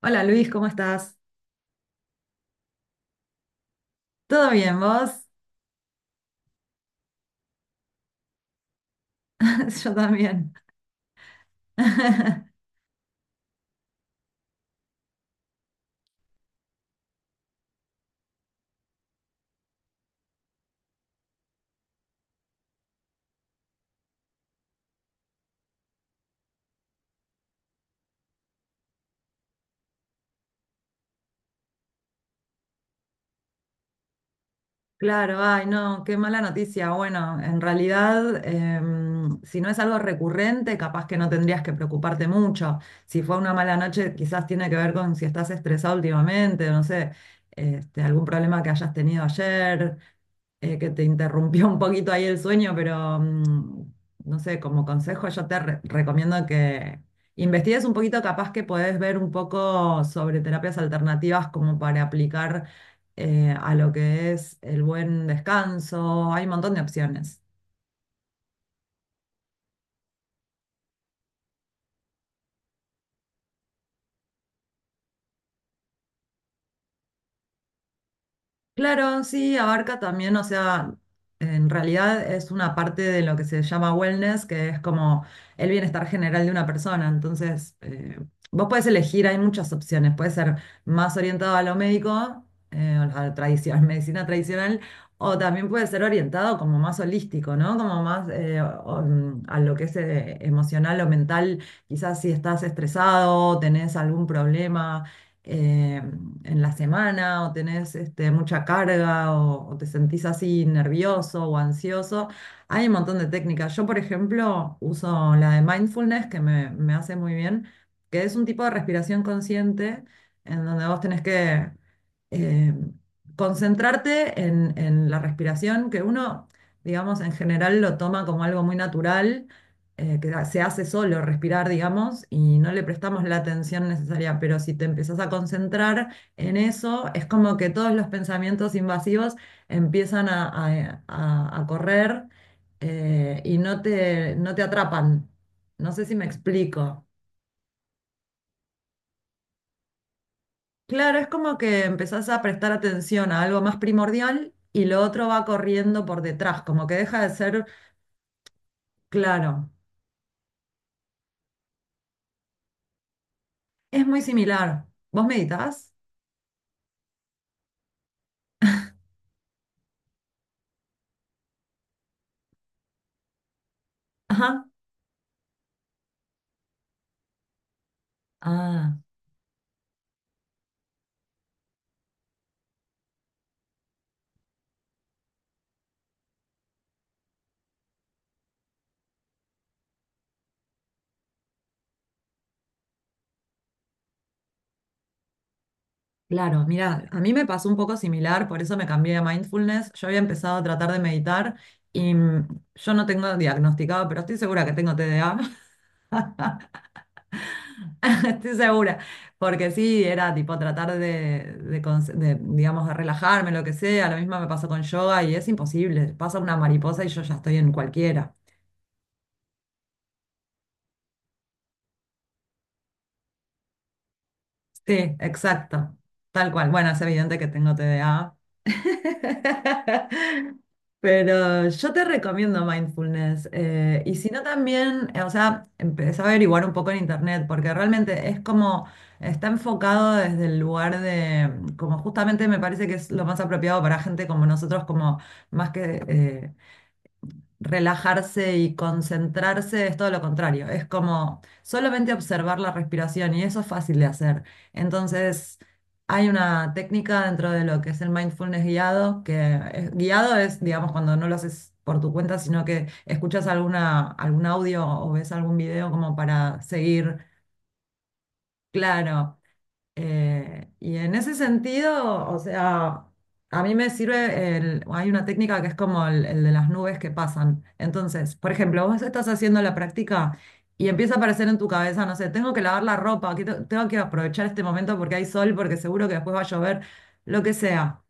Hola Luis, ¿cómo estás? ¿Todo bien, vos? Yo también. Claro, ay, no, qué mala noticia. Bueno, en realidad, si no es algo recurrente, capaz que no tendrías que preocuparte mucho. Si fue una mala noche, quizás tiene que ver con si estás estresado últimamente, no sé, algún problema que hayas tenido ayer, que te interrumpió un poquito ahí el sueño, pero no sé, como consejo yo te recomiendo que investigues un poquito, capaz que podés ver un poco sobre terapias alternativas como para aplicar a lo que es el buen descanso. Hay un montón de opciones. Claro, sí, abarca también, o sea, en realidad es una parte de lo que se llama wellness, que es como el bienestar general de una persona. Entonces, vos podés elegir, hay muchas opciones. Puede ser más orientado a lo médico, a la tradición, medicina tradicional, o también puede ser orientado como más holístico, ¿no? Como más a lo que es emocional o mental. Quizás si estás estresado, tenés algún problema. eh, en la semana o tenés mucha carga o te sentís así nervioso o ansioso. Hay un montón de técnicas. Yo, por ejemplo, uso la de mindfulness que me hace muy bien, que es un tipo de respiración consciente en donde vos tenés que eh, concentrarte en la respiración, que uno, digamos, en general lo toma como algo muy natural, que se hace solo respirar, digamos, y no le prestamos la atención necesaria, pero si te empezás a concentrar en eso, es como que todos los pensamientos invasivos empiezan a correr y no te atrapan. No sé si me explico. Claro, es como que empezás a prestar atención a algo más primordial y lo otro va corriendo por detrás, como que deja de ser claro. Es muy similar. ¿Vos meditas? Ajá. Ah. Claro, mira, a mí me pasó un poco similar, por eso me cambié a mindfulness. Yo había empezado a tratar de meditar y yo no tengo diagnosticado, pero estoy segura que tengo TDA, estoy segura, porque sí, era tipo tratar de, digamos, de relajarme, lo que sea. Lo mismo me pasó con yoga y es imposible. Pasa una mariposa y yo ya estoy en cualquiera. Sí, exacto, tal cual. Bueno, es evidente que tengo TDA. Pero yo te recomiendo mindfulness. Y si no también, o sea, empecé a averiguar un poco en internet, porque realmente es como, está enfocado desde el lugar de, como justamente me parece que es lo más apropiado para gente como nosotros, como más que relajarse y concentrarse es todo lo contrario. Es como solamente observar la respiración y eso es fácil de hacer. Entonces, hay una técnica dentro de lo que es el mindfulness guiado, que guiado es, digamos, cuando no lo haces por tu cuenta, sino que escuchas alguna, algún audio o ves algún video como para seguir. Claro, y en ese sentido, o sea, a mí me sirve, hay una técnica que es como el de las nubes que pasan. Entonces, por ejemplo, vos estás haciendo la práctica y empieza a aparecer en tu cabeza, no sé, tengo que lavar la ropa, que tengo que aprovechar este momento porque hay sol, porque seguro que después va a llover, lo que sea.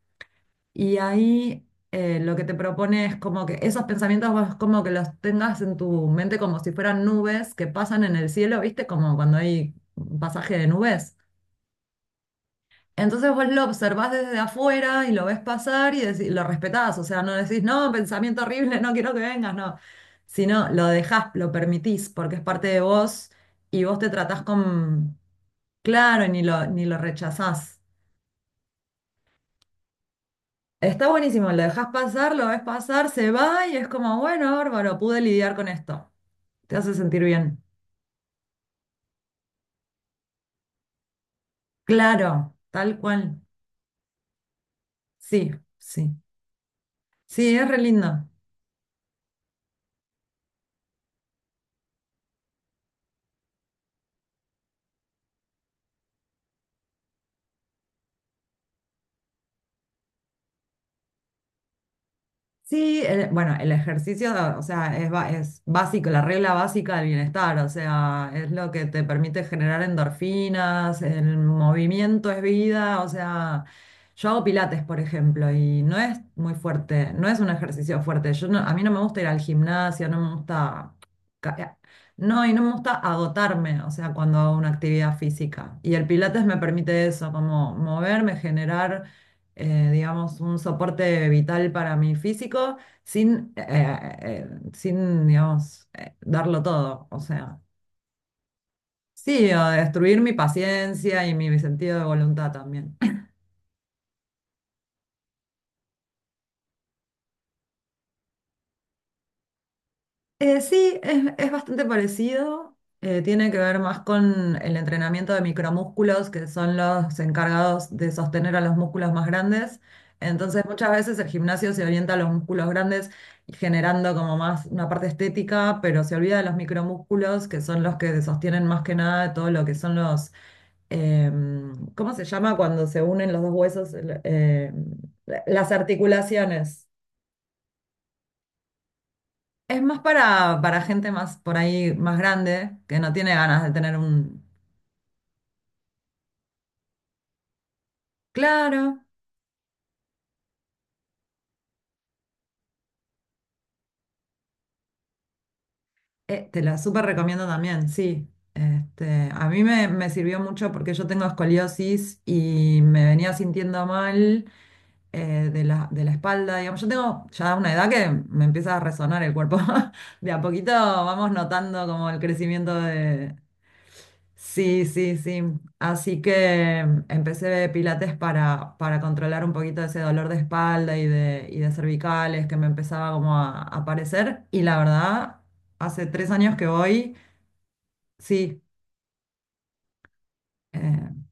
Y ahí lo que te propone es como que esos pensamientos vos como que los tengas en tu mente como si fueran nubes que pasan en el cielo, ¿viste? Como cuando hay un pasaje de nubes. Entonces vos lo observás desde afuera y lo ves pasar y lo respetás, o sea, no decís, no, pensamiento horrible, no quiero que vengas, no, sino lo dejás, lo permitís, porque es parte de vos y vos te tratás con, claro, y ni lo rechazás. Está buenísimo, lo dejás pasar, lo ves pasar, se va y es como, bueno, bárbaro, pude lidiar con esto. Te hace sentir bien. Claro, tal cual. Sí, sí. Sí, es re lindo. Sí, bueno, el ejercicio, o sea, es, es básico, la regla básica del bienestar, o sea, es lo que te permite generar endorfinas, el movimiento es vida, o sea, yo hago pilates, por ejemplo, y no es muy fuerte, no es un ejercicio fuerte. Yo a mí no me gusta ir al gimnasio, no me gusta, ca- eh, no, y no me gusta agotarme, o sea, cuando hago una actividad física. Y el pilates me permite eso, como moverme, generar digamos, un soporte vital para mi físico sin, eh, eh, sin, digamos, darlo todo. O sea, sí, o destruir mi paciencia y mi sentido de voluntad también. Sí, es bastante parecido. Tiene que ver más con el entrenamiento de micromúsculos, que son los encargados de sostener a los músculos más grandes. Entonces, muchas veces el gimnasio se orienta a los músculos grandes, generando como más una parte estética, pero se olvida de los micromúsculos, que son los que sostienen más que nada todo lo que son los, ¿cómo se llama cuando se unen los dos huesos? Las articulaciones. Es más para gente más por ahí más grande que no tiene ganas de tener un. Claro, te la súper recomiendo también, sí. A mí me sirvió mucho porque yo tengo escoliosis y me venía sintiendo mal de la espalda. Digamos, yo tengo ya una edad que me empieza a resonar el cuerpo. De a poquito vamos notando como el crecimiento de. Sí, sí, sí. Así que empecé pilates para controlar un poquito ese dolor de espalda y de cervicales que me empezaba como a aparecer. Y la verdad, hace 3 años que voy, sí, eh,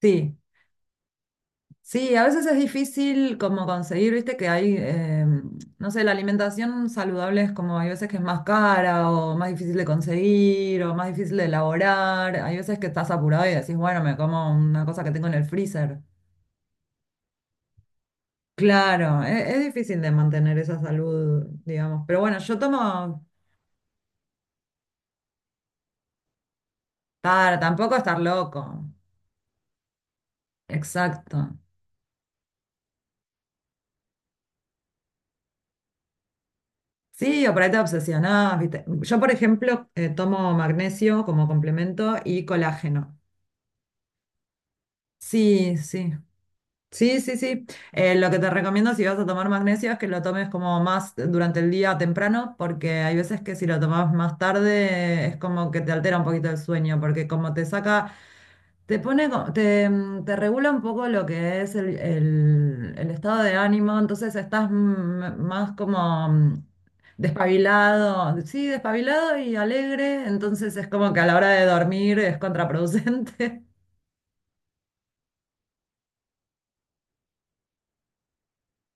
sí, sí, a veces es difícil como conseguir, viste, que hay, no sé, la alimentación saludable es como hay veces que es más cara o más difícil de conseguir o más difícil de elaborar. Hay veces que estás apurado y decís, bueno, me como una cosa que tengo en el freezer. Claro, es difícil de mantener esa salud, digamos. Pero bueno, yo tomo para tampoco estar loco. Exacto. Sí, o por ahí te obsesionás, ¿viste? Yo, por ejemplo, tomo magnesio como complemento y colágeno. Sí, sí. Sí, sí, sí. Lo que te recomiendo si vas a tomar magnesio es que lo tomes como más durante el día temprano, porque hay veces que si lo tomas más tarde es como que te altera un poquito el sueño, porque como te saca. Te pone, te regula un poco lo que es el estado de ánimo, entonces estás más como despabilado, sí, despabilado y alegre, entonces es como que a la hora de dormir es contraproducente.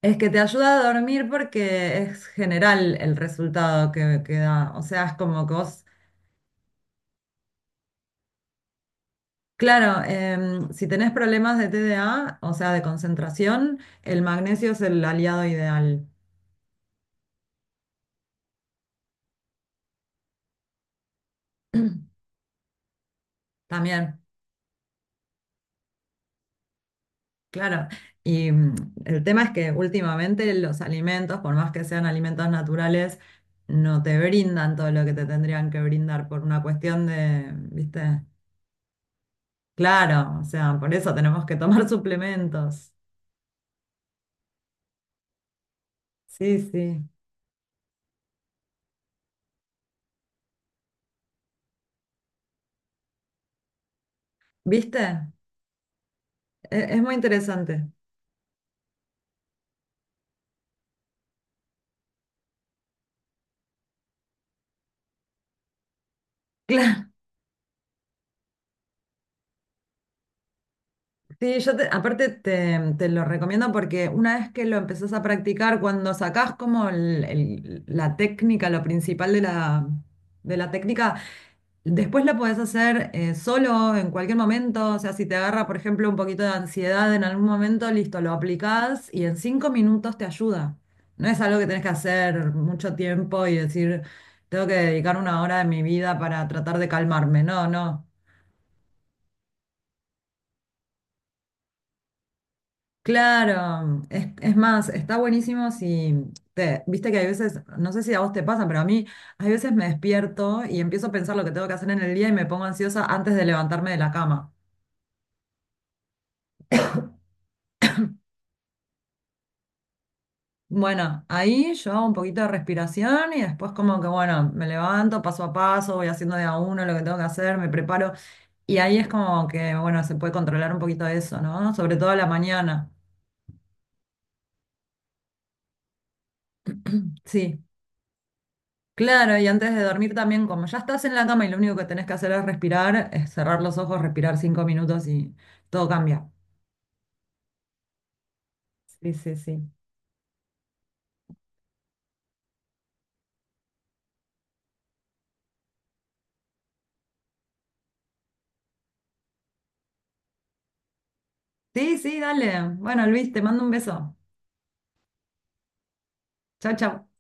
Es que te ayuda a dormir porque es general el resultado que da, o sea, es como que vos, claro, si tenés problemas de TDA, o sea, de concentración, el magnesio es el aliado ideal. También. Claro, y el tema es que últimamente los alimentos, por más que sean alimentos naturales, no te brindan todo lo que te tendrían que brindar por una cuestión de, ¿viste? Claro, o sea, por eso tenemos que tomar suplementos. Sí, sí. ¿Viste? Es muy interesante. Claro. Sí, yo aparte te lo recomiendo porque una vez que lo empezás a practicar, cuando sacás como la técnica, lo principal de la técnica, después lo podés hacer solo en cualquier momento, o sea, si te agarra, por ejemplo, un poquito de ansiedad en algún momento, listo, lo aplicás y en 5 minutos te ayuda. No es algo que tenés que hacer mucho tiempo y decir, tengo que dedicar una hora de mi vida para tratar de calmarme. No, no. Claro, es más, está buenísimo si te, viste que hay veces, no sé si a vos te pasa, pero a mí hay veces me despierto y empiezo a pensar lo que tengo que hacer en el día y me pongo ansiosa antes de levantarme de la cama. Bueno, ahí yo hago un poquito de respiración y después como que, bueno, me levanto paso a paso, voy haciendo de a uno lo que tengo que hacer, me preparo. Y ahí es como que, bueno, se puede controlar un poquito eso, ¿no? Sobre todo a la mañana. Sí, claro, y antes de dormir también, como ya estás en la cama y lo único que tenés que hacer es respirar, es cerrar los ojos, respirar 5 minutos y todo cambia. Sí, sí, sí. Sí, sí, dale. Bueno, Luis, te mando un beso. Chao, chao.